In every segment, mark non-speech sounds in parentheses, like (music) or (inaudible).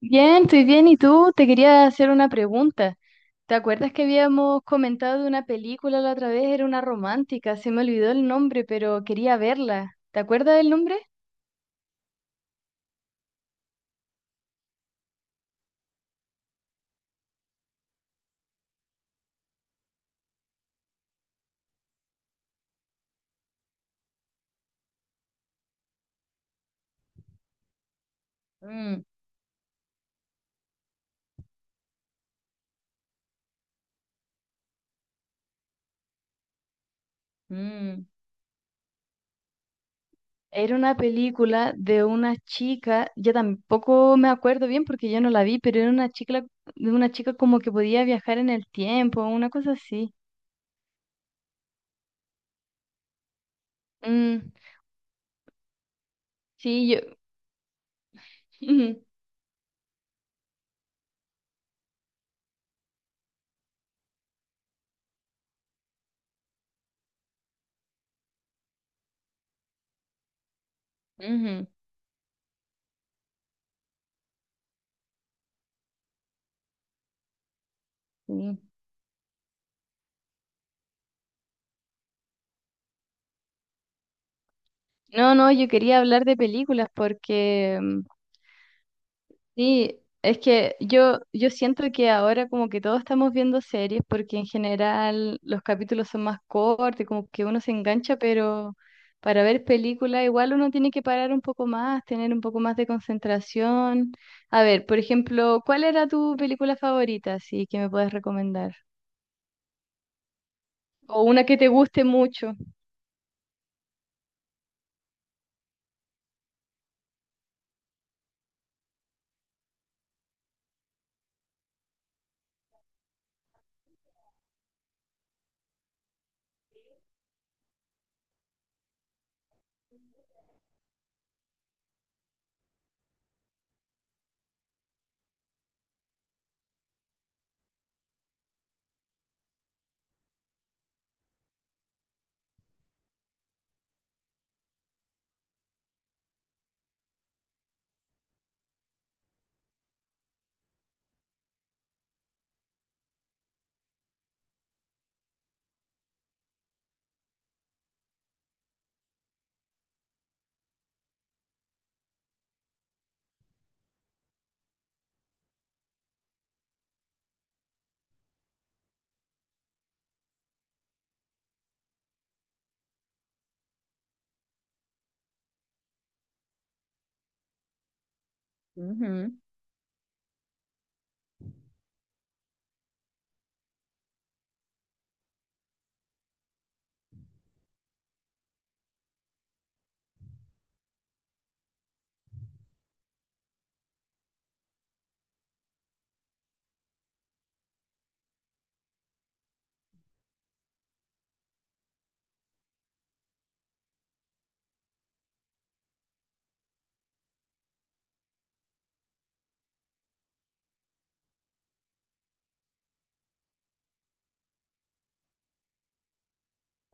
Bien, estoy bien. ¿Y tú? Te quería hacer una pregunta. ¿Te acuerdas que habíamos comentado de una película la otra vez? Era una romántica, se me olvidó el nombre, pero quería verla. ¿Te acuerdas del nombre? Mm, mm. Era una película de una chica, yo tampoco me acuerdo bien porque yo no la vi, pero era una chica, de una chica como que podía viajar en el tiempo, una cosa así. Mm, sí, yo. (laughs) Ujú, ujú, sí. No, no, yo quería hablar de películas porque Sí, es que yo siento que ahora como que todos estamos viendo series porque en general los capítulos son más cortos, como que uno se engancha, pero para ver películas igual uno tiene que parar un poco más, tener un poco más de concentración. A ver, por ejemplo, ¿cuál era tu película favorita, así que me puedes recomendar? O una que te guste mucho.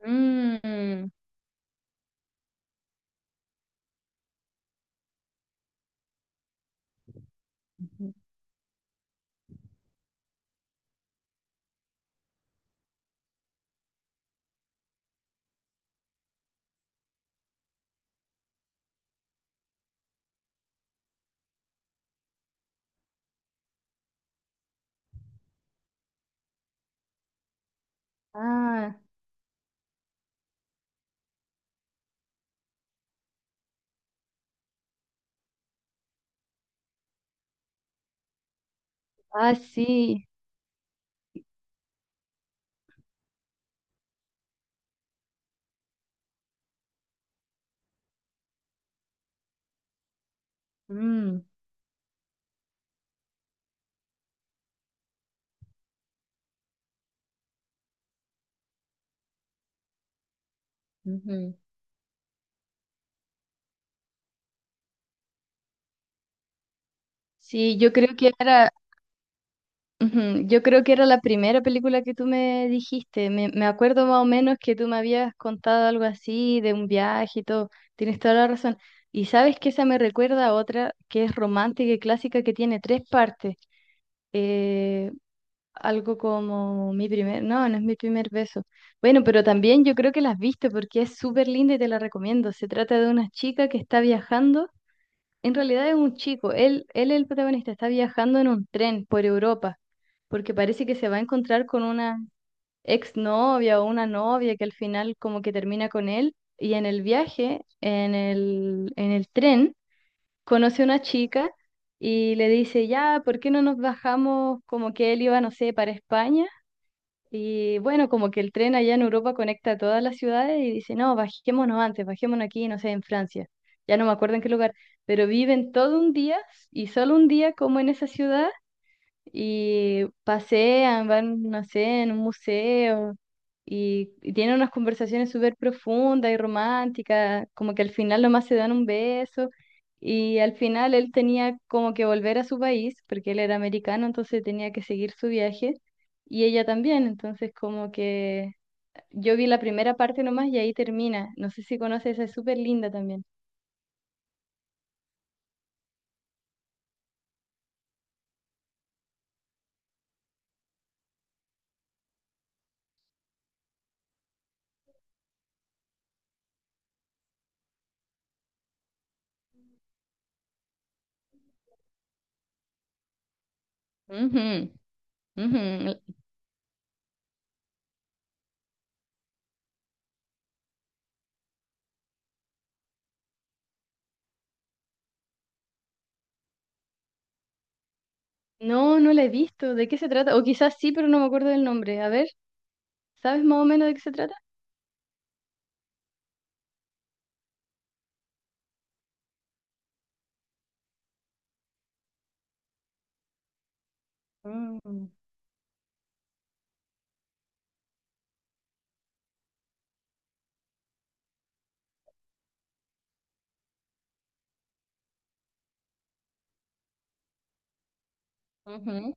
Mm. Ah, ah, sí. Mm, ujú. Sí, yo creo que ahora. Ujú. Yo creo que era la primera película que tú me dijiste. Me acuerdo más o menos que tú me habías contado algo así de un viaje y todo. Tienes toda la razón. Y sabes que esa me recuerda a otra que es romántica y clásica que tiene tres partes. Eh, Algo como mi primer, no, no es mi primer beso. Bueno, pero también yo creo que la has visto porque es súper linda y te la recomiendo. Se trata de una chica que está viajando en realidad es un chico, él es el protagonista, está viajando en un tren por Europa, porque parece que se va a encontrar con una exnovia o una novia que al final como que termina con él, y en el viaje, en el tren, conoce a una chica y le dice, ya, ¿por qué no nos bajamos como que él iba, no sé, para España? Y bueno, como que el tren allá en Europa conecta todas las ciudades y dice, no, bajémonos antes, bajémonos aquí, no sé, en Francia, ya no me acuerdo en qué lugar, pero viven todo un día y solo un día como en esa ciudad y pasean, van, no sé, en un museo y tienen unas conversaciones súper profundas y románticas, como que al final nomás se dan un beso y al final él tenía como que volver a su país porque él era americano, entonces tenía que seguir su viaje y ella también, entonces como que yo vi la primera parte nomás y ahí termina, no sé si conoces, esa es súper linda también. Ujú, ujú. No, no la he visto. ¿De qué se trata? O quizás sí, pero no me acuerdo del nombre. A ver. ¿Sabes más o menos de qué se trata? Mm. Ujú.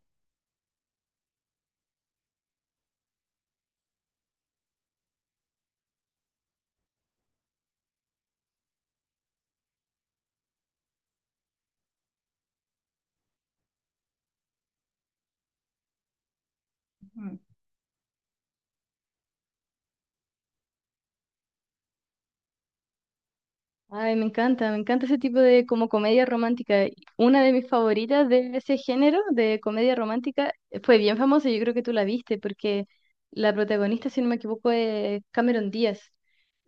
Ujú. Ay, me encanta ese tipo de como comedia romántica. Una de mis favoritas de ese género de comedia romántica fue bien famosa, yo creo que tú la viste, porque la protagonista, si no me equivoco, es Cameron Díaz.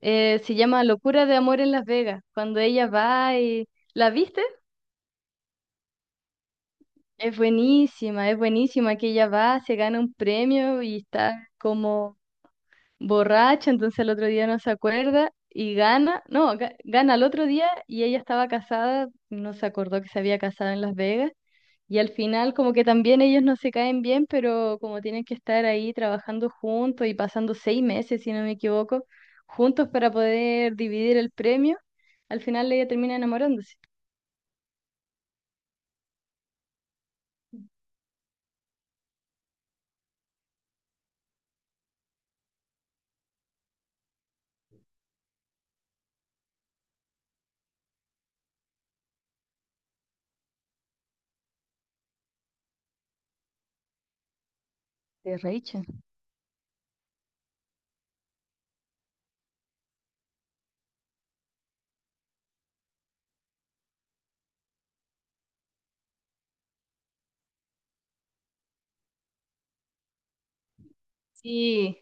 Se llama Locura de Amor en Las Vegas, cuando ella va y. ¿La viste? Es buenísima que ella va, se gana un premio y está como borracha, entonces el otro día no se acuerda y gana, no, ga- gana el otro día y ella estaba casada, no se acordó que se había casado en Las Vegas y al final como que también ellos no se caen bien, pero como tienen que estar ahí trabajando juntos y pasando 6 meses, si no me equivoco, juntos para poder dividir el premio, al final ella termina enamorándose de Rachel. Sí,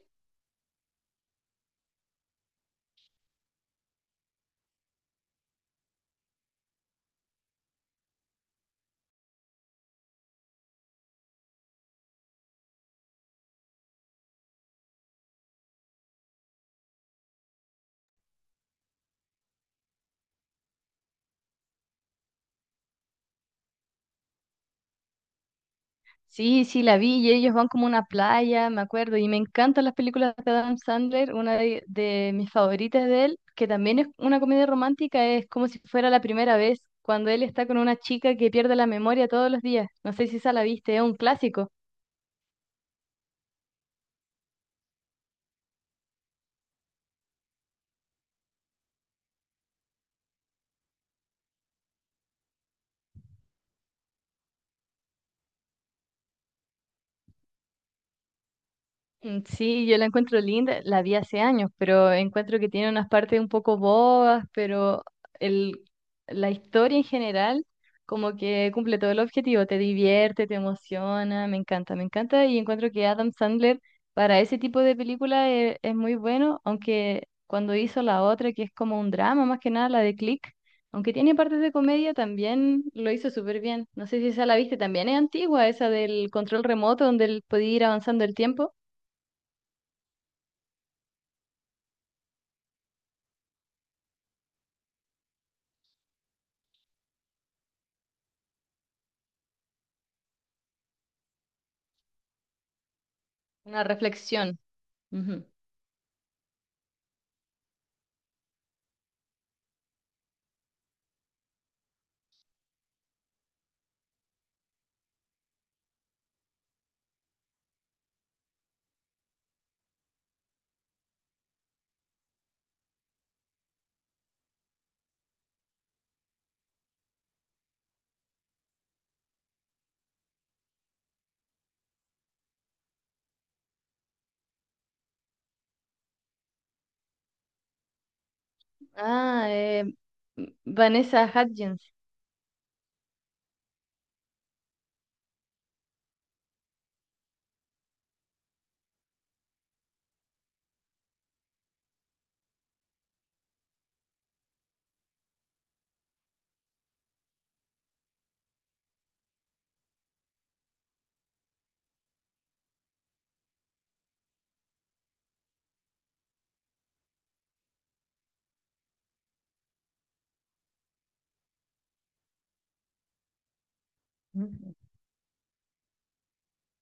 sí, sí, la vi y ellos van como a una playa, me acuerdo, y me encantan las películas de Adam Sandler, una de mis favoritas de él, que también es una comedia romántica, es como si fuera la primera vez, cuando él está con una chica que pierde la memoria todos los días. No sé si esa la viste, es un clásico. Mm. Sí, yo la encuentro linda, la vi hace años, pero encuentro que tiene unas partes un poco bobas, pero el, la historia en general como que cumple todo el objetivo, te divierte, te emociona, me encanta y encuentro que Adam Sandler para ese tipo de película es, muy bueno, aunque cuando hizo la otra que es como un drama más que nada, la de Click, aunque tiene partes de comedia, también lo hizo súper bien. No sé si esa la viste, también es antigua, esa del control remoto donde él podía ir avanzando el tiempo. Una reflexión. Ujú. Ah, Vanessa Hudgens. Ujú.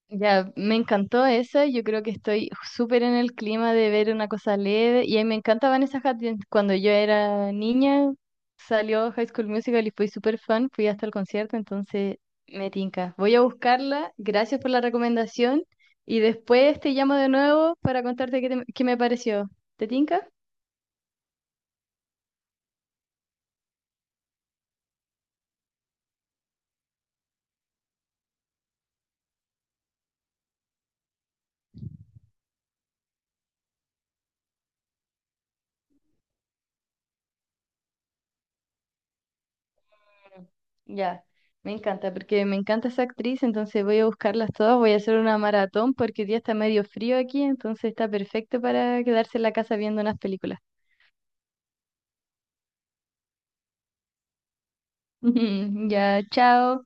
Ya, me encantó esa. Yo creo que estoy súper en el clima de ver una cosa leve. Y a mí me encanta Vanessa Hudgens. Cuando yo era niña, salió High School Musical y fui súper fan. Fui hasta el concierto, entonces me tinca. Voy a buscarla. Gracias por la recomendación. Y después te llamo de nuevo para contarte qué, qué me pareció. ¿Te tinca? Ya, me encanta, porque me encanta esa actriz, entonces voy a buscarlas todas, voy a hacer una maratón porque hoy día está medio frío aquí, entonces está perfecto para quedarse en la casa viendo unas películas. (laughs) Ya, chao.